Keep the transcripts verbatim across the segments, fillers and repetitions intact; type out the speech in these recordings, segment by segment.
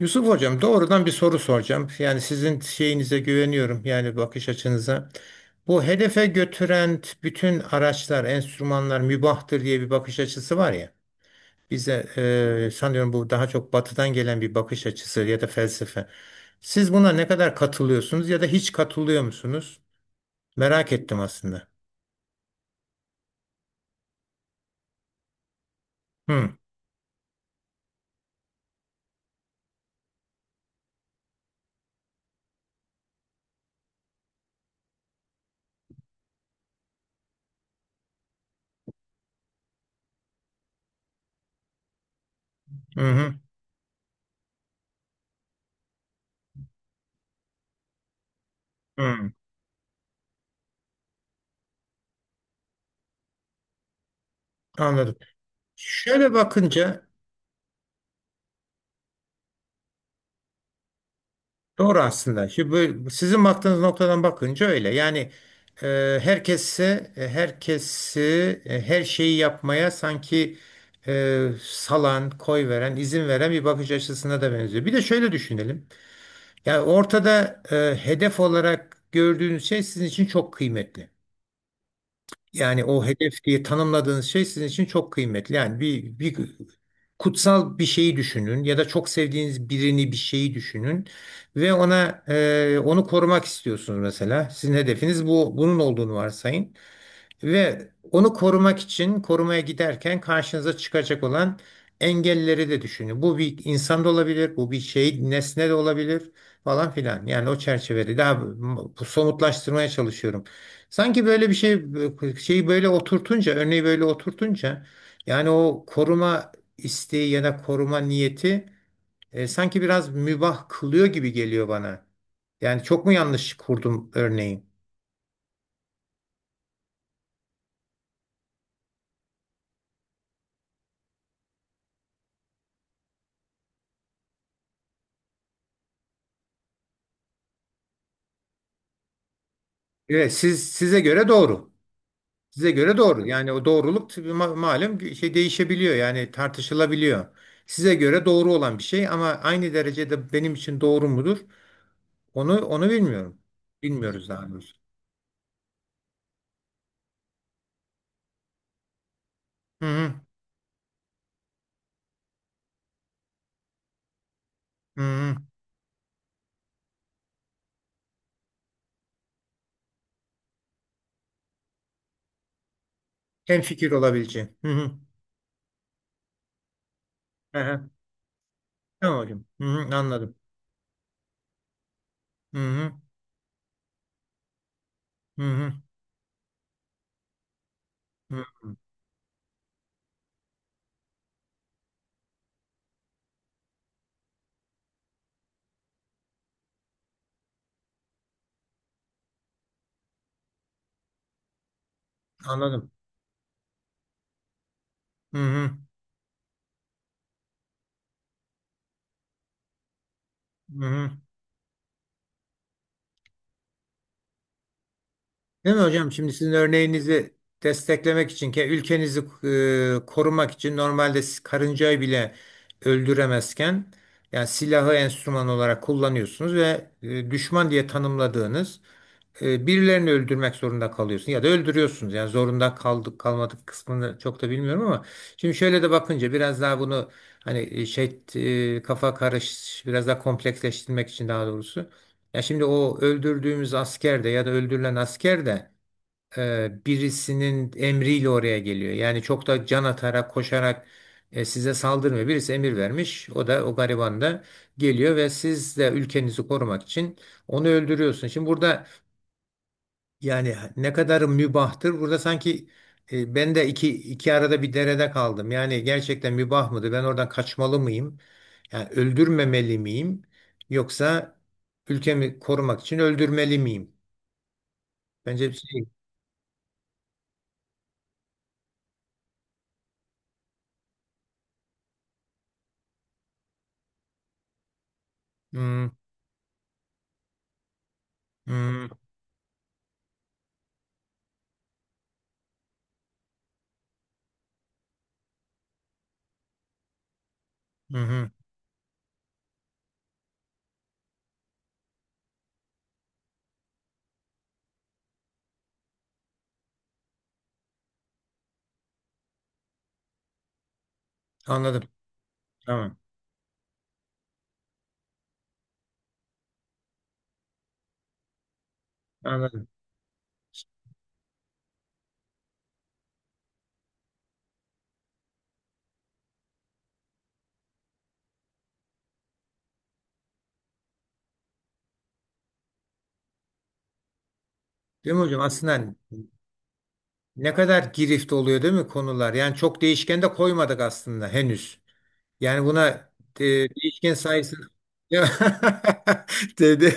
Yusuf Hocam doğrudan bir soru soracağım. Yani sizin şeyinize güveniyorum yani bakış açınıza. Bu hedefe götüren t- bütün araçlar, enstrümanlar mübahtır diye bir bakış açısı var ya. Bize e, sanıyorum bu daha çok batıdan gelen bir bakış açısı ya da felsefe. Siz buna ne kadar katılıyorsunuz ya da hiç katılıyor musunuz? Merak ettim aslında. Hı, hı, hı, hı. Anladım. Şöyle bakınca. Doğru aslında. Şimdi bu- sizin baktığınız noktadan bakınca öyle. Yani e, herkesi herkesi e, her şeyi yapmaya sanki e, salan, koy veren, izin veren bir bakış açısına da benziyor. Bir de şöyle düşünelim. Yani ortada e, hedef olarak gördüğünüz şey sizin için çok kıymetli. Yani o hedef diye tanımladığınız şey sizin için çok kıymetli. Yani bir, bir kutsal bir şeyi düşünün ya da çok sevdiğiniz birini bir şeyi düşünün ve ona e, onu korumak istiyorsunuz mesela. Sizin hedefiniz bu bunun olduğunu varsayın. Ve onu korumak için korumaya giderken karşınıza çıkacak olan engelleri de düşünün. Bu bir insan da olabilir, bu bir şey, nesne de olabilir falan filan. Yani o çerçevede daha bu- bu somutlaştırmaya çalışıyorum. Sanki böyle bir şey, şeyi böyle oturtunca, örneği böyle oturtunca, yani o koruma isteği ya da koruma niyeti e, sanki biraz mübah kılıyor gibi geliyor bana. Yani çok mu yanlış kurdum örneği? Evet, siz size göre doğru. Size göre doğru. Yani o doğruluk tabii ma- malum bir şey değişebiliyor. Yani tartışılabiliyor. Size göre doğru olan bir şey ama aynı derecede benim için doğru mudur? Onu onu bilmiyorum. Bilmiyoruz daha doğrusu. Hı hı. Hı hı. Hem fikir olabileceğim. Hı hı. Hı hı. Tamam hocam. Hı hı. Anladım. Hı hı. Hı hı. Hı hı. Anladım. Hı hı. Hı hı. Değil mi hocam? Şimdi sizin örneğinizi desteklemek için, ke- ülkenizi e, korumak için normalde siz karıncayı bile öldüremezken yani silahı enstrüman olarak kullanıyorsunuz ve e, düşman diye tanımladığınız e, birilerini öldürmek zorunda kalıyorsunuz ya da öldürüyorsunuz. Yani zorunda kaldık kalmadık kısmını çok da bilmiyorum ama şimdi şöyle de bakınca biraz daha bunu hani e, şey e, kafa karış biraz daha kompleksleştirmek için daha doğrusu. Ya şimdi o öldürdüğümüz asker de ya da öldürülen asker de e, birisinin emriyle oraya geliyor. Yani çok da can atarak, koşarak e, size saldırmıyor. Birisi emir vermiş. O da o gariban da geliyor ve siz de ülkenizi korumak için onu öldürüyorsun. Şimdi burada yani ne kadar mübahtır? Burada sanki e, ben de iki iki arada bir derede kaldım. Yani gerçekten mübah mıdır? Ben oradan kaçmalı mıyım? Yani öldürmemeli miyim? Yoksa ülkemi korumak için öldürmeli miyim? Bence bir şey. Hmm, hmm, hı hı. Anladım. Tamam. Anladım. Değil mi hocam? Aslında ne kadar girift oluyor değil mi konular? Yani çok değişken de koymadık aslında henüz. Yani buna e, değişken sayısını Ya, dedi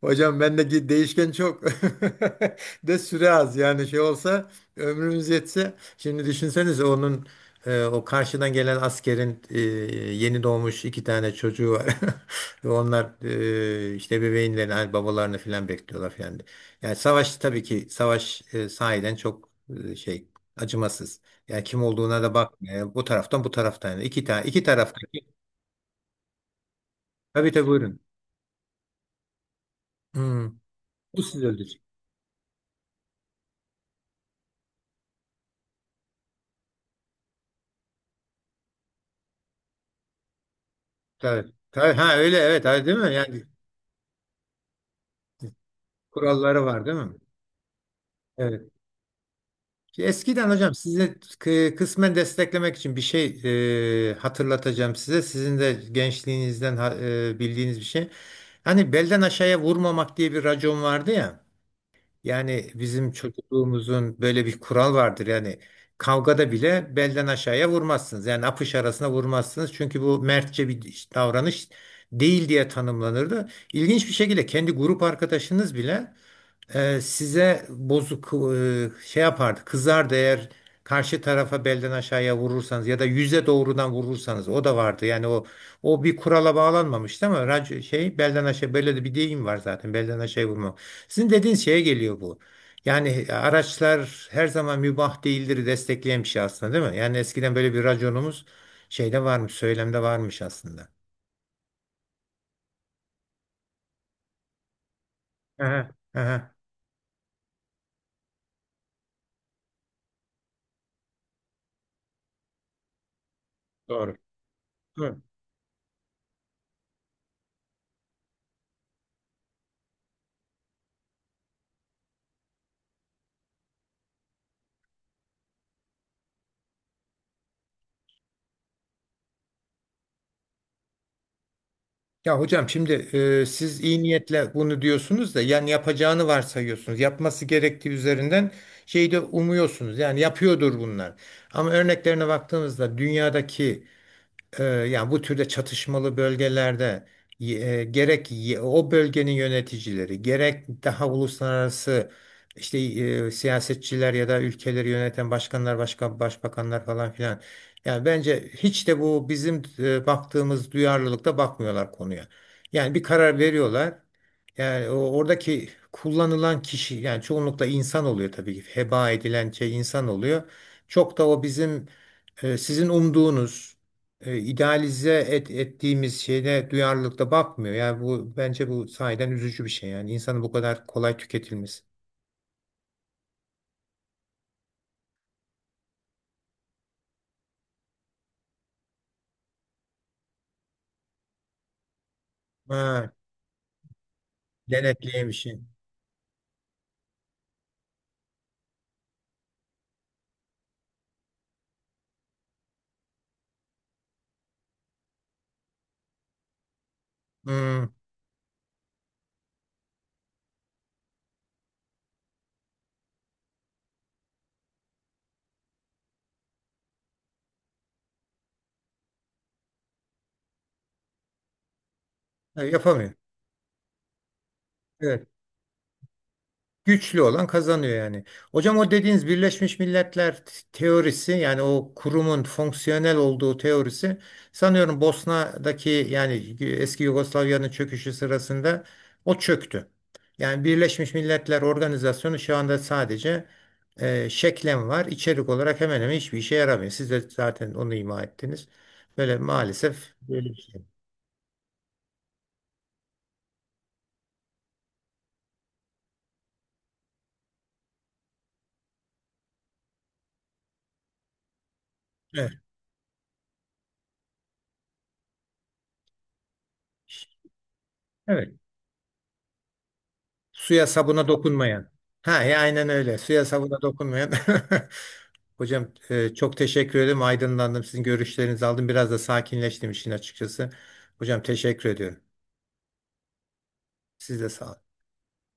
hocam bendeki değişken çok de süre az yani şey olsa ömrümüz yetse şimdi düşünsenize onun e, o karşıdan gelen askerin e, yeni doğmuş iki tane çocuğu var ve onlar e, işte bebeğinlerini hani babalarını falan bekliyorlar falan yani savaş tabii ki savaş e, sahiden çok e, şey acımasız. Ya kim olduğuna da bakma. Ya. Bu taraftan bu taraftan. Yani. İki tane iki taraftaki. Tabii tabii buyurun. Hmm. Bu sizi öldürecek. Tabii. Tabii, ha öyle evet ha, değil mi? Yani kuralları var değil mi? Evet. Eskiden hocam size kı- kısmen desteklemek için bir şey e, hatırlatacağım size. Sizin de gençliğinizden ha- e, bildiğiniz bir şey. Hani belden aşağıya vurmamak diye bir racon vardı ya. Yani bizim çocukluğumuzun böyle bir kural vardır. Yani kavgada bile belden aşağıya vurmazsınız. Yani apış arasına vurmazsınız. Çünkü bu mertçe bir davranış değil diye tanımlanırdı. İlginç bir şekilde kendi grup arkadaşınız bile e, size bozuk e, şey yapardı kızardı eğer karşı tarafa belden aşağıya vurursanız ya da yüze doğrudan vurursanız o da vardı yani o o bir kurala bağlanmamıştı ama rac- şey belden aşağı böyle de bir deyim var zaten belden aşağıya vurma. Sizin dediğiniz şeye geliyor bu. Yani araçlar her zaman mübah değildir, destekleyen bir şey aslında değil mi? Yani eskiden böyle bir raconumuz şeyde varmış, söylemde varmış aslında. Aha, aha, doğru. Ya hocam şimdi e, siz iyi niyetle bunu diyorsunuz da yani yapacağını varsayıyorsunuz. Yapması gerektiği üzerinden şeyi de umuyorsunuz. Yani yapıyordur bunlar. Ama örneklerine baktığımızda dünyadaki e, yani bu türde çatışmalı bölgelerde e, gerek y- o bölgenin yöneticileri gerek daha uluslararası işte e, siyasetçiler ya da ülkeleri yöneten başkanlar, başka başbakanlar falan filan. Yani bence hiç de bu bizim e, baktığımız duyarlılıkta bakmıyorlar konuya. Yani bir karar veriyorlar. Yani o- oradaki kullanılan kişi yani çoğunlukla insan oluyor tabii ki. Heba edilen şey insan oluyor. Çok da o bizim e, sizin umduğunuz e, idealize et, ettiğimiz şeyine duyarlılıkta bakmıyor. Yani bu bence bu sahiden üzücü bir şey. Yani insanın bu kadar kolay tükletilmesi. Ha, denetleyen bir şey. Hmm. E, yapamıyor. Evet. Güçlü olan kazanıyor yani. Hocam o dediğiniz Birleşmiş Milletler teorisi yani o kurumun fonksiyonel olduğu teorisi sanıyorum Bosna'daki yani eski Yugoslavya'nın çöküşü sırasında o çöktü. Yani Birleşmiş Milletler Organizasyonu şu anda sadece e, şeklen var. İçerik olarak hemen hemen hiçbir işe yaramıyor. Siz de zaten onu ima ettiniz. Böyle maalesef böyle bir şey. Evet. Evet. Suya sabuna dokunmayan. Ha ya aynen öyle. Suya sabuna dokunmayan. Hocam e, çok teşekkür ederim. Aydınlandım. Sizin görüşlerinizi aldım. Biraz da sakinleştim işin açıkçası. Hocam teşekkür ediyorum. Siz de sağ olun.